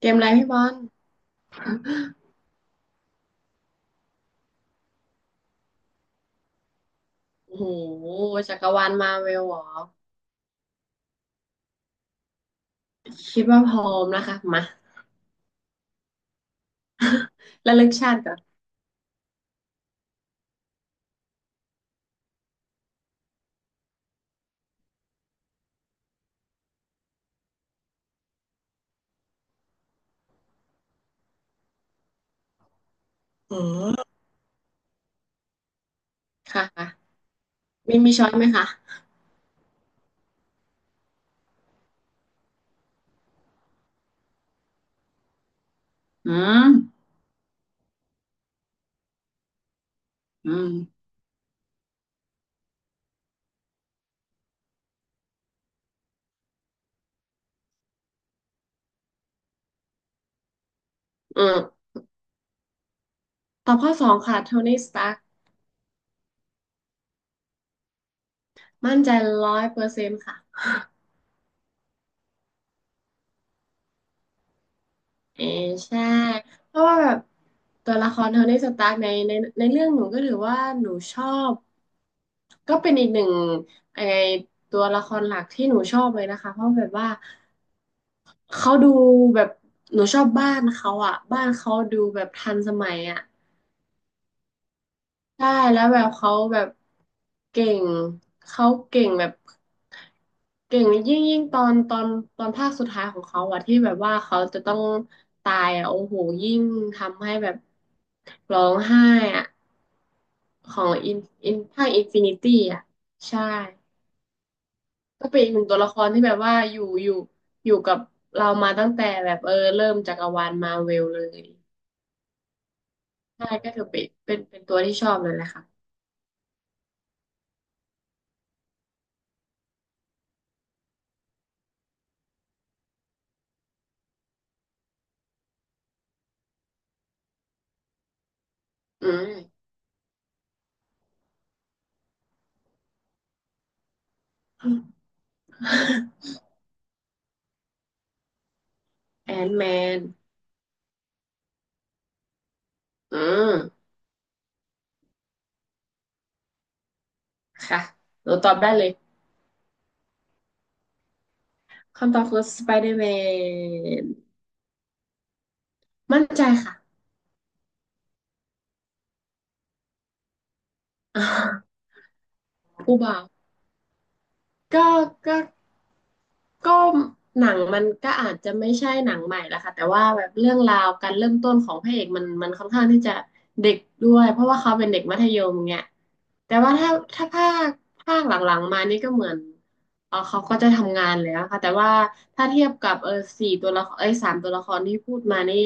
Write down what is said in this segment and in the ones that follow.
เกมอะไรพี่บอลโอ้โหจักรวาลมาเวลหรอคิดว่าพร้อมนะคะมา ระลึกชาติก่อนอืมค่ะค่ะมีช้อยไหมคะอืมอืมอืมตอบข้อสองค่ะโทนี่สตาร์คมั่นใจ100%ค่ะเออใช่เพราะว่าแบบตัวละครโทนี่สตาร์คในเรื่องหนูก็ถือว่าหนูชอบก็เป็นอีกหนึ่งไอตัวละครหลักที่หนูชอบเลยนะคะเพราะแบบว่า เขาดูแบบหนูชอบบ้านเขาอ่ะบ้านเขาดูแบบทันสมัยอ่ะใช่แล้วแบบเขาแบบเก่งเขาเก่งแบบเก่งยิ่งตอนภาคสุดท้ายของเขาอะที่แบบว่าเขาจะต้องตายอะโอ้โหยิ่งทำให้แบบร้องไห้อะของอินอินภาคอินฟินิตี้อะใช่ ก็เป็นอีกหนึ่งตัวละครที่แบบว่าอยู่กับเรามาตั้งแต่แบบเออเริ่มจักรวาลมาเวลเลยใช่ก็ถือเป็นตัวที่ชอบเลยแหละค่ะอืม แอนแมนอืมค่ะหนูตอบได้เลยคำตอบคือสไปเดอร์แมนมั่นใจค่ะ ผู้บ่าวก็ก็ ก็หนังมันก็อาจจะไม่ใช่หนังใหม่ละค่ะแต่ว่าแบบเรื่องราวการเริ่มต้นของพระเอกมันค่อนข้างที่จะเด็กด้วยเพราะว่าเขาเป็นเด็กมัธยมเงี้ยแต่ว่าถ้าภาคหลังๆมานี่ก็เหมือนเออเขาก็จะทำงานแล้วค่ะแต่ว่าถ้าเทียบกับเออสี่ตัวละครเอ้ยสามตัวละครที่พูดมานี่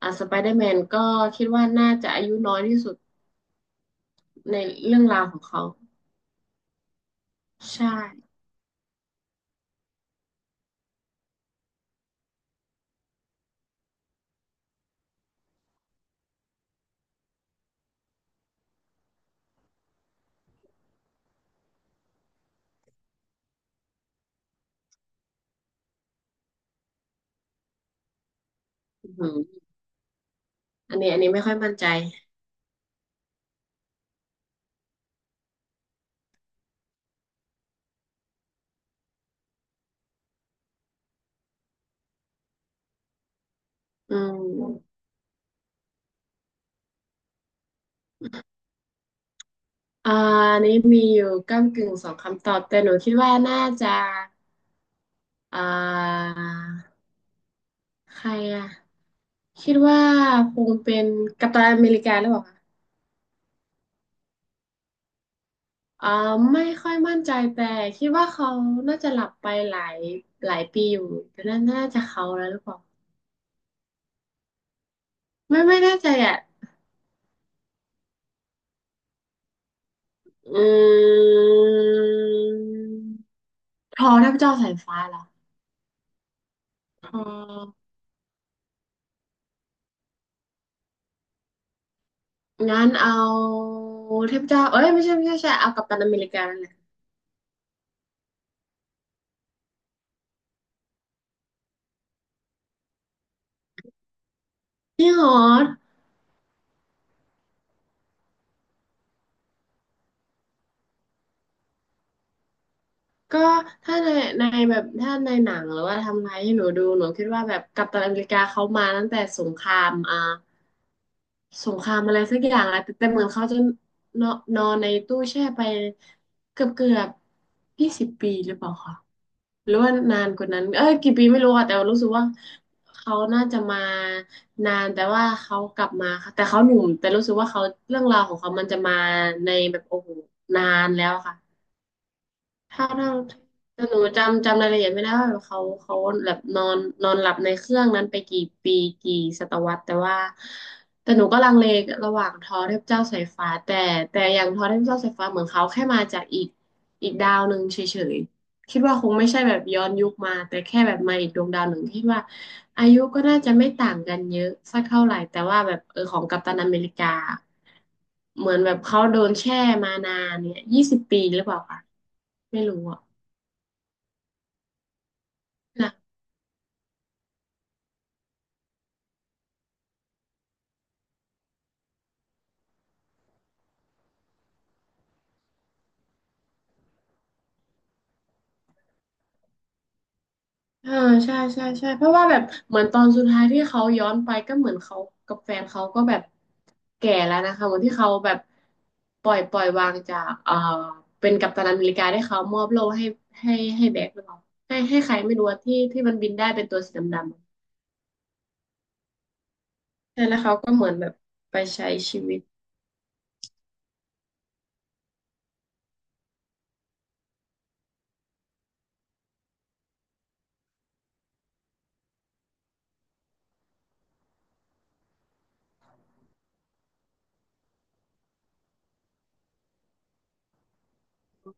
สไปเดอร์แมนก็คิดว่าน่าจะอายุน้อยที่สุดในเรื่องราวของเขาใช่อืมอันนี้ไม่ค่อยมั่นใจอืม อ่าอันนี้มีอยู่ก้ำกึ่งสองคำตอบแต่หนูคิดว่าน่าจะอ่าใครอ่ะคิดว่าคงเป็นกัปตันอเมริกาหรือเปล่าคะอ่าไม่ค่อยมั่นใจแต่คิดว่าเขาน่าจะหลับไปหลายปีอยู่แต่น่าจะเขาแล้วหรือเปล่าไม่แน่ใจอ่ะอืมทอเทพเจ้าสายฟ้าเหรอทองั้นเอาเทพเจ้าเอ้ยไม่ใช่ไม่ใช่ไม่ใช่เอากัปตันอเมริกานั่นแหละจริงเหรอ ก็ถ้าในแบบถ้าในหนังหรือว่าทำอะไรที่หนูดูหนูคิดว่าแบบกัปตันอเมริกาเขามาตั้งแต่สงครามสงครามอะไรสักอย่างแล้วแต่เหมือนเขาจะนอนนอนในตู้แช่ไปเกือบยี่สิบปีหรือเปล่าคะหรือว่านานกว่านั้นเอ้ยกี่ปีไม่รู้อะแต่รู้สึกว่าเขาน่าจะมานานแต่ว่าเขากลับมาค่ะแต่เขาหนุ่มแต่รู้สึกว่าเขาเรื่องราวของเขามันจะมาในแบบโอ้โหนานแล้วค่ะ ถ้าต้องแต่หนูจำรายละเอียดไม่ได้ว่าเขาแบบนอนนอนหลับในเครื่องนั้นไปกี่ปีกี่ศตวรรษแต่ว่าแต่หนูก็ลังเลระหว่างทอเทพเจ้าสายฟ้าแต่อย่างทอเทพเจ้าสายฟ้าเหมือนเขาแค่มาจากอีกดาวหนึ่งเฉยๆคิดว่าคงไม่ใช่แบบย้อนยุคมาแต่แค่แบบมาอีกดวงดาวหนึ่งที่ว่าอายุก็น่าจะไม่ต่างกันเยอะสักเท่าไหร่แต่ว่าแบบเออของกัปตันอเมริกาเหมือนแบบเขาโดนแช่มานานเนี่ยยี่สิบปีหรือเปล่าคะไม่รู้อะ นะเออใช่ใช่ใช่เพราะว่าแบบเหมือนตอนสุดท้ายที่เขาย้อนไปก็เหมือนเขากับแฟนเขาก็แบบแก่แล้วนะคะเหมือนที่เขาแบบปล่อยวางจากเป็นกัปตันอเมริกาได้เขามอบโล่ให้ให้แบ็คหรือเปล่าให้ใครไม่รู้อะที่มันบินได้เป็นตัวสีดำๆอะใช่แล้วเขาก็เหมือนแบบไปใช้ชีวิต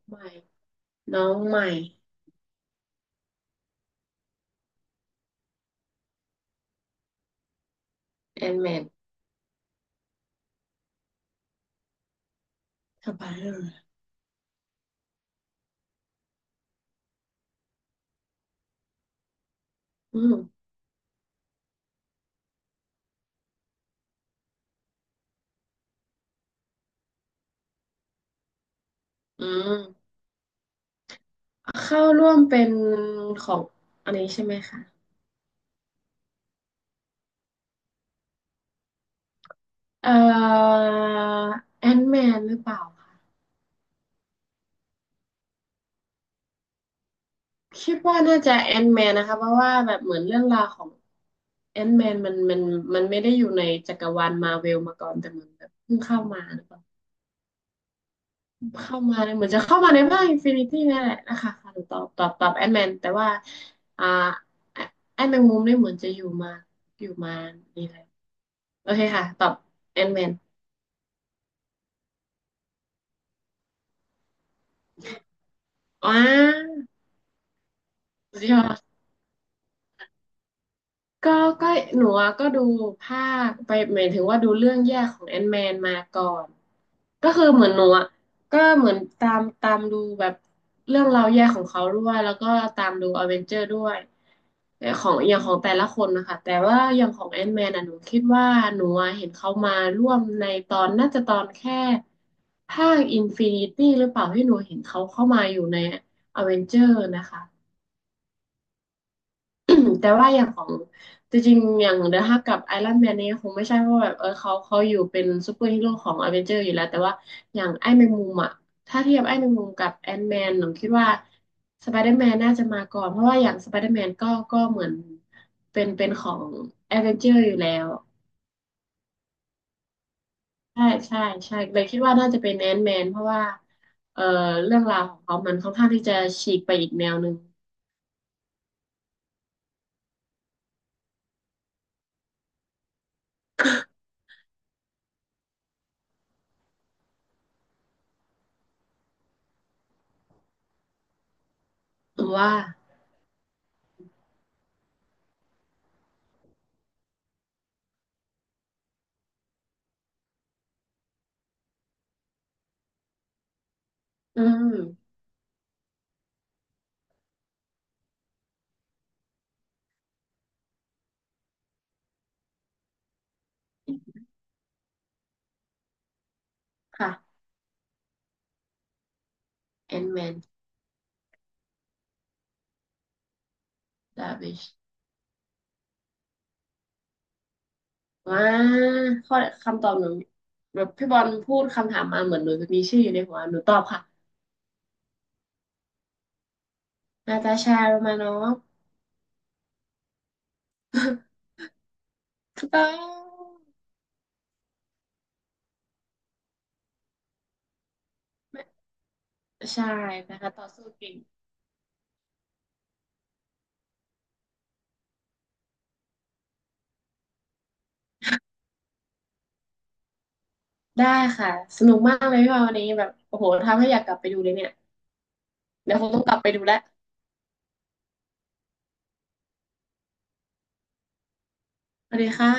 ใหม่น้องใหม่แอนแมนสไปเดอร์อืมอืมเข้าร่วมเป็นของอันนี้ใช่ไหมคะ เอ่อแอนแมนหรือเปล่าคะคิดว่าน่าจะแอนแมนนะคะเพราะว่าแบบเหมือนเรื่องราวของแอนแมนมันไม่ได้อยู่ในจักรวาลมาเวลมาก่อนแต่เหมือนแบบเพิ่งเข้ามาหรือเปล่าเข้ามาเนี่ยเหมือนจะเข้ามาในภาคอินฟินิตี้นี่แหละนะคะค่ะหนูตอบแอนแมนแต่ว่าอ่าแอนแมงมุมนี่เหมือนจะอยู่มานี่แหละโอเคค่ะตอบแอนแมนว้าสุดยอด ก็ก็หนูอะก็ดูภาคไปหมายถึงว่าดูเรื่องแยกของแอนแมนมาก่อนก็คือเหมือนหนูอะก็เหมือนตามดูแบบเรื่องราวแยกของเขาด้วยแล้วก็ตามดูอเวนเจอร์ด้วยแต่ของอย่างของแต่ละคนนะคะแต่ว่าอย่างของแอนแมนอะหนูคิดว่าหนูอะเห็นเขามาร่วมในตอนน่าจะตอนแค่ภาคอินฟินิตี้หรือเปล่าที่หนูเห็นเขาเข้ามาอยู่ในอเวนเจอร์นะคะ แต่ว่าอย่างของจริงๆอย่างเดอะฮักกับไอรอนแมนเนี่ยคงไม่ใช่เพราะแบบเออเขาอยู่เป็นซูเปอร์ฮีโร่ของอเวนเจอร์อยู่แล้วแต่ว่าอย่างไอ้แมงมุมอ่ะถ้าเทียบไอ้แมงมุมกับแอนแมนหนูคิดว่าสไปเดอร์แมนน่าจะมาก่อนเพราะว่าอย่างสไปเดอร์แมนก็เหมือนเป็นของอเวนเจอร์อยู่แล้วใช่ใช่ใช่เลยคิดว่าน่าจะเป็นแอนแมนเพราะว่าเออเรื่องราวของเขามันค่อนข้างที่จะฉีกไปอีกแนวหนึ่งหนูว่าอืมค่ะแอนแมนดาวิช ว้าข้อคำตอบหนูแบบพี่บอลพูดคำถามมาเหมือนหนูจะมีชื่ออยู่ในหัวหนูตอบค่ะนาตาชาโรมานอฟ ถูกต้องไม่ใช่นะคะต่อสู้เก่งได้ค่ะ สนุกมากเลยพี่บอลวันนี้แบบโอ้โหทำให้อยากกลับไปดูเลยเนี่ย เดี๋ยวคงต้องกลับไปดูแล้วสวัสดีค่ะ